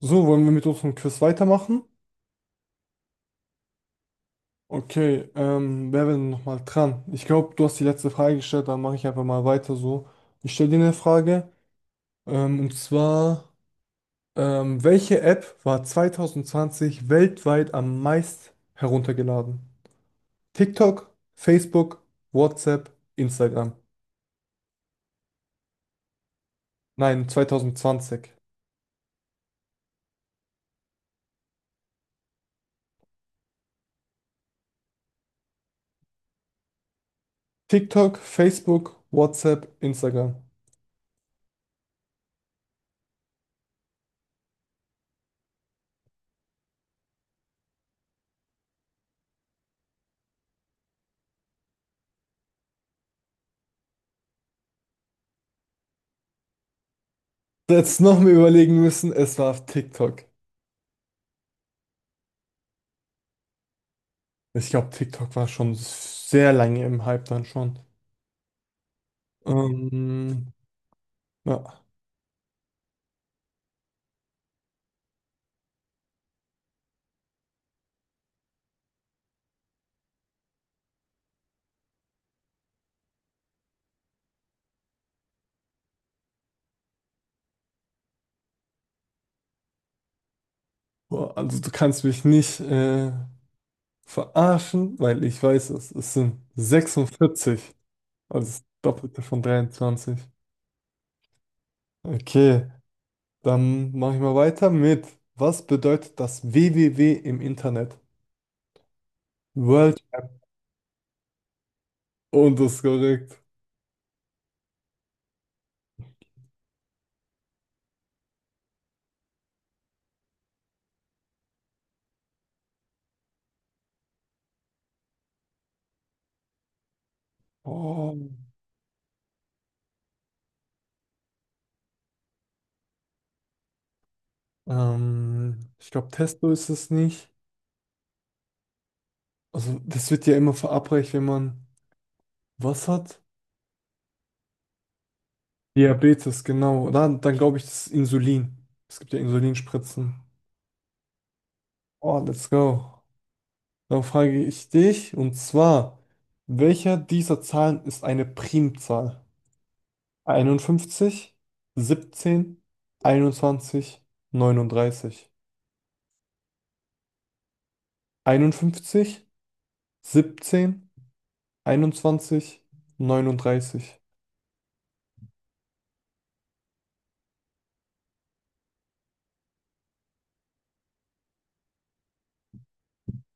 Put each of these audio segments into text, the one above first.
So, wollen wir mit unserem Quiz weitermachen? Okay, wer wäre denn nochmal dran? Ich glaube, du hast die letzte Frage gestellt, dann mache ich einfach mal weiter so. Ich stelle dir eine Frage, und zwar, welche App war 2020 weltweit am meist heruntergeladen? TikTok, Facebook, WhatsApp, Instagram. Nein, 2020. TikTok, Facebook, WhatsApp, Instagram. Jetzt noch mal überlegen müssen, es war TikTok. Ich glaube, TikTok war schon sehr lange im Hype dann schon. Ähm, ja. Boah, also du kannst mich nicht verarschen, weil ich weiß es. Es sind 46, also das Doppelte von 23. Okay, dann mache ich mal weiter mit. Was bedeutet das www im Internet? World und das ist korrekt. Oh. Ich glaube, Testo ist es nicht. Also das wird ja immer verabreicht, wenn man was hat. Diabetes, genau. Dann glaube ich, das ist Insulin. Es gibt ja Insulinspritzen. Oh, let's go. Dann frage ich dich, und zwar, welcher dieser Zahlen ist eine Primzahl? 51 17 21 39 51 17 21 neununddreißig.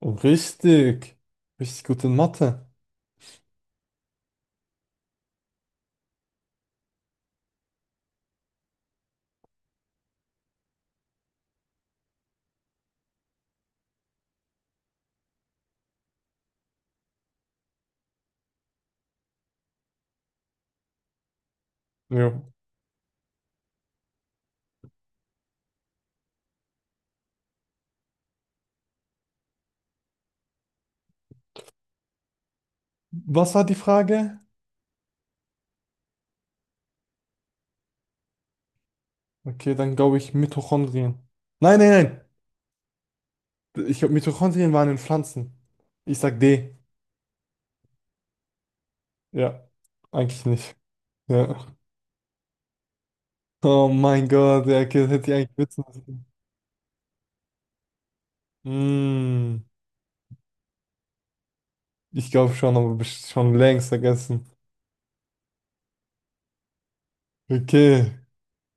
Oh, richtig. Richtig gut in Mathe. Ja. Was war die Frage? Okay, dann glaube ich Mitochondrien. Nein, nein, nein. Ich glaube, Mitochondrien waren in Pflanzen. Ich sag D. Ja, eigentlich nicht. Ja. Oh mein Gott, ja, okay, das hätte ich eigentlich wissen müssen. Hm, ich glaube schon, aber schon längst vergessen. Okay,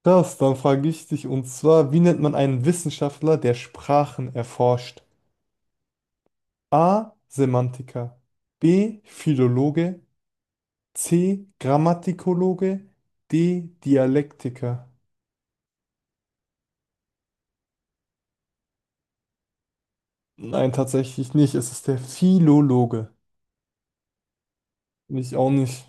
das, dann frage ich dich und zwar, wie nennt man einen Wissenschaftler, der Sprachen erforscht? A. Semantiker. B. Philologe. C. Grammatikologe. D. Dialektiker. Nein, tatsächlich nicht. Es ist der Philologe. Ich auch nicht.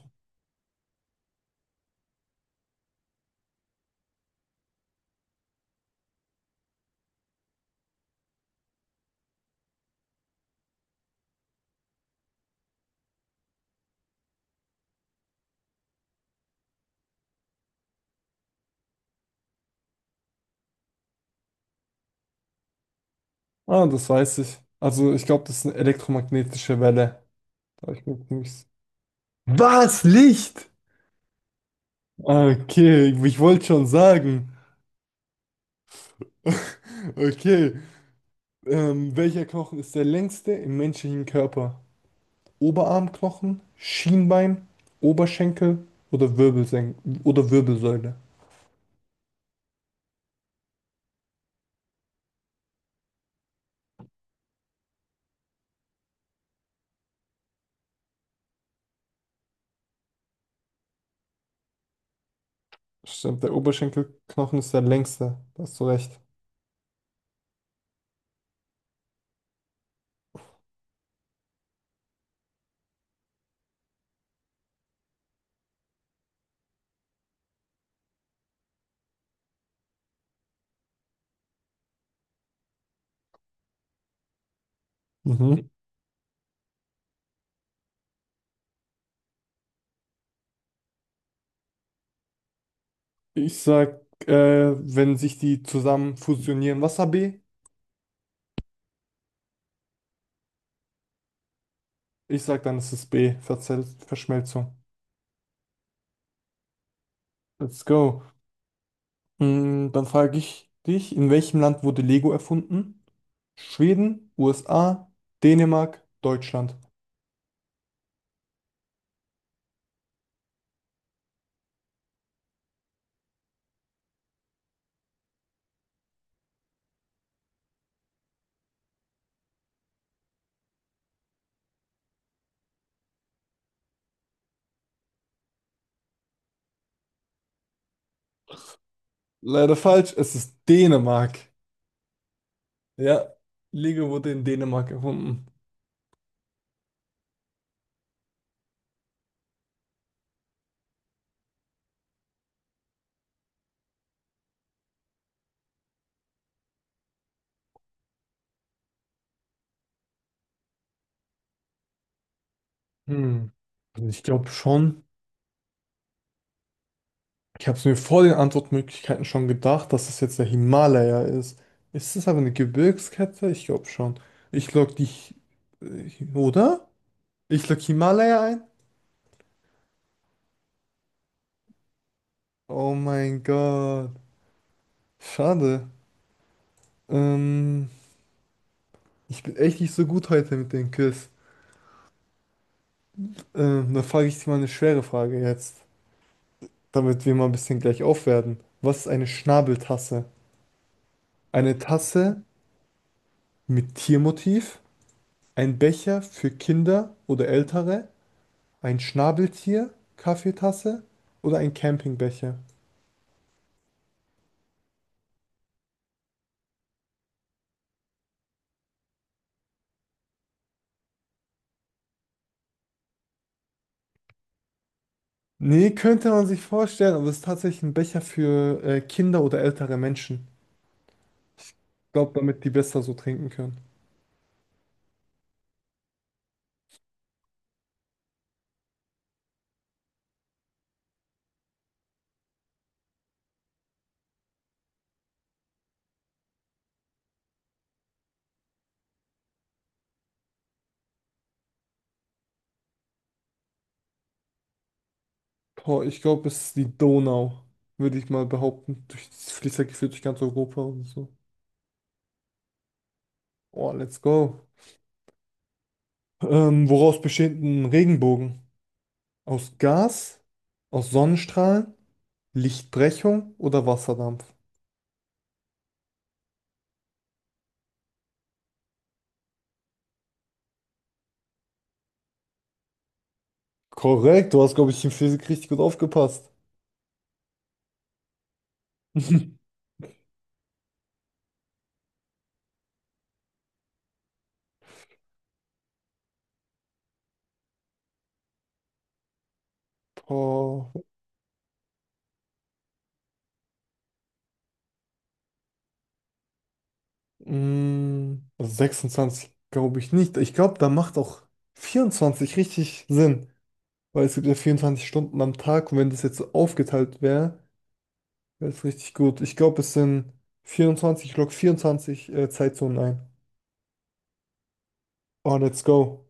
Ah, das weiß ich. Also ich glaube, das ist eine elektromagnetische Welle. Da hab ich mir ziemlich... Was? Licht? Ah, okay, ich wollte schon sagen. Okay. Welcher Knochen ist der längste im menschlichen Körper? Oberarmknochen, Schienbein, Oberschenkel oder Wirbelsen oder Wirbelsäule? Stimmt, der Oberschenkelknochen ist der längste. Da hast du recht. Mhm. Ich sag, wenn sich die zusammen fusionieren, Wasser B? Ich sag dann, es ist B, Verzel Verschmelzung. Let's go. Mm, dann frage ich dich, in welchem Land wurde Lego erfunden? Schweden, USA, Dänemark, Deutschland. Leider falsch, es ist Dänemark. Ja, Lego wurde in Dänemark erfunden. Hm. Also ich glaube schon. Ich habe es mir vor den Antwortmöglichkeiten schon gedacht, dass es jetzt der Himalaya ist. Ist es aber eine Gebirgskette? Ich glaube schon. Ich log die, Hi- oder? Ich log Himalaya ein. Oh mein Gott. Schade. Ähm, ich bin echt nicht so gut heute mit den Quiz. Dann frage ich dich mal eine schwere Frage jetzt, damit wir mal ein bisschen gleich aufwerten. Was ist eine Schnabeltasse? Eine Tasse mit Tiermotiv, ein Becher für Kinder oder Ältere, ein Schnabeltier, Kaffeetasse oder ein Campingbecher? Nee, könnte man sich vorstellen, aber es ist tatsächlich ein Becher für Kinder oder ältere Menschen. Ich glaube, damit die besser so trinken können. Boah, ich glaube, es ist die Donau, würde ich mal behaupten. Durch, das fließt ja gefühlt durch ganz Europa und so. Oh, let's go. Woraus besteht ein Regenbogen? Aus Gas, aus Sonnenstrahlen, Lichtbrechung oder Wasserdampf? Korrekt, du hast, glaube ich, in Physik richtig gut aufgepasst. Boah, mh, also 26 glaube ich nicht. Ich glaube, da macht auch 24 richtig Sinn, weil es gibt ja 24 Stunden am Tag und wenn das jetzt so aufgeteilt wäre, das ist richtig gut. Ich glaube, es sind 24 ich log 24 Zeitzonen ein. Oh, let's go.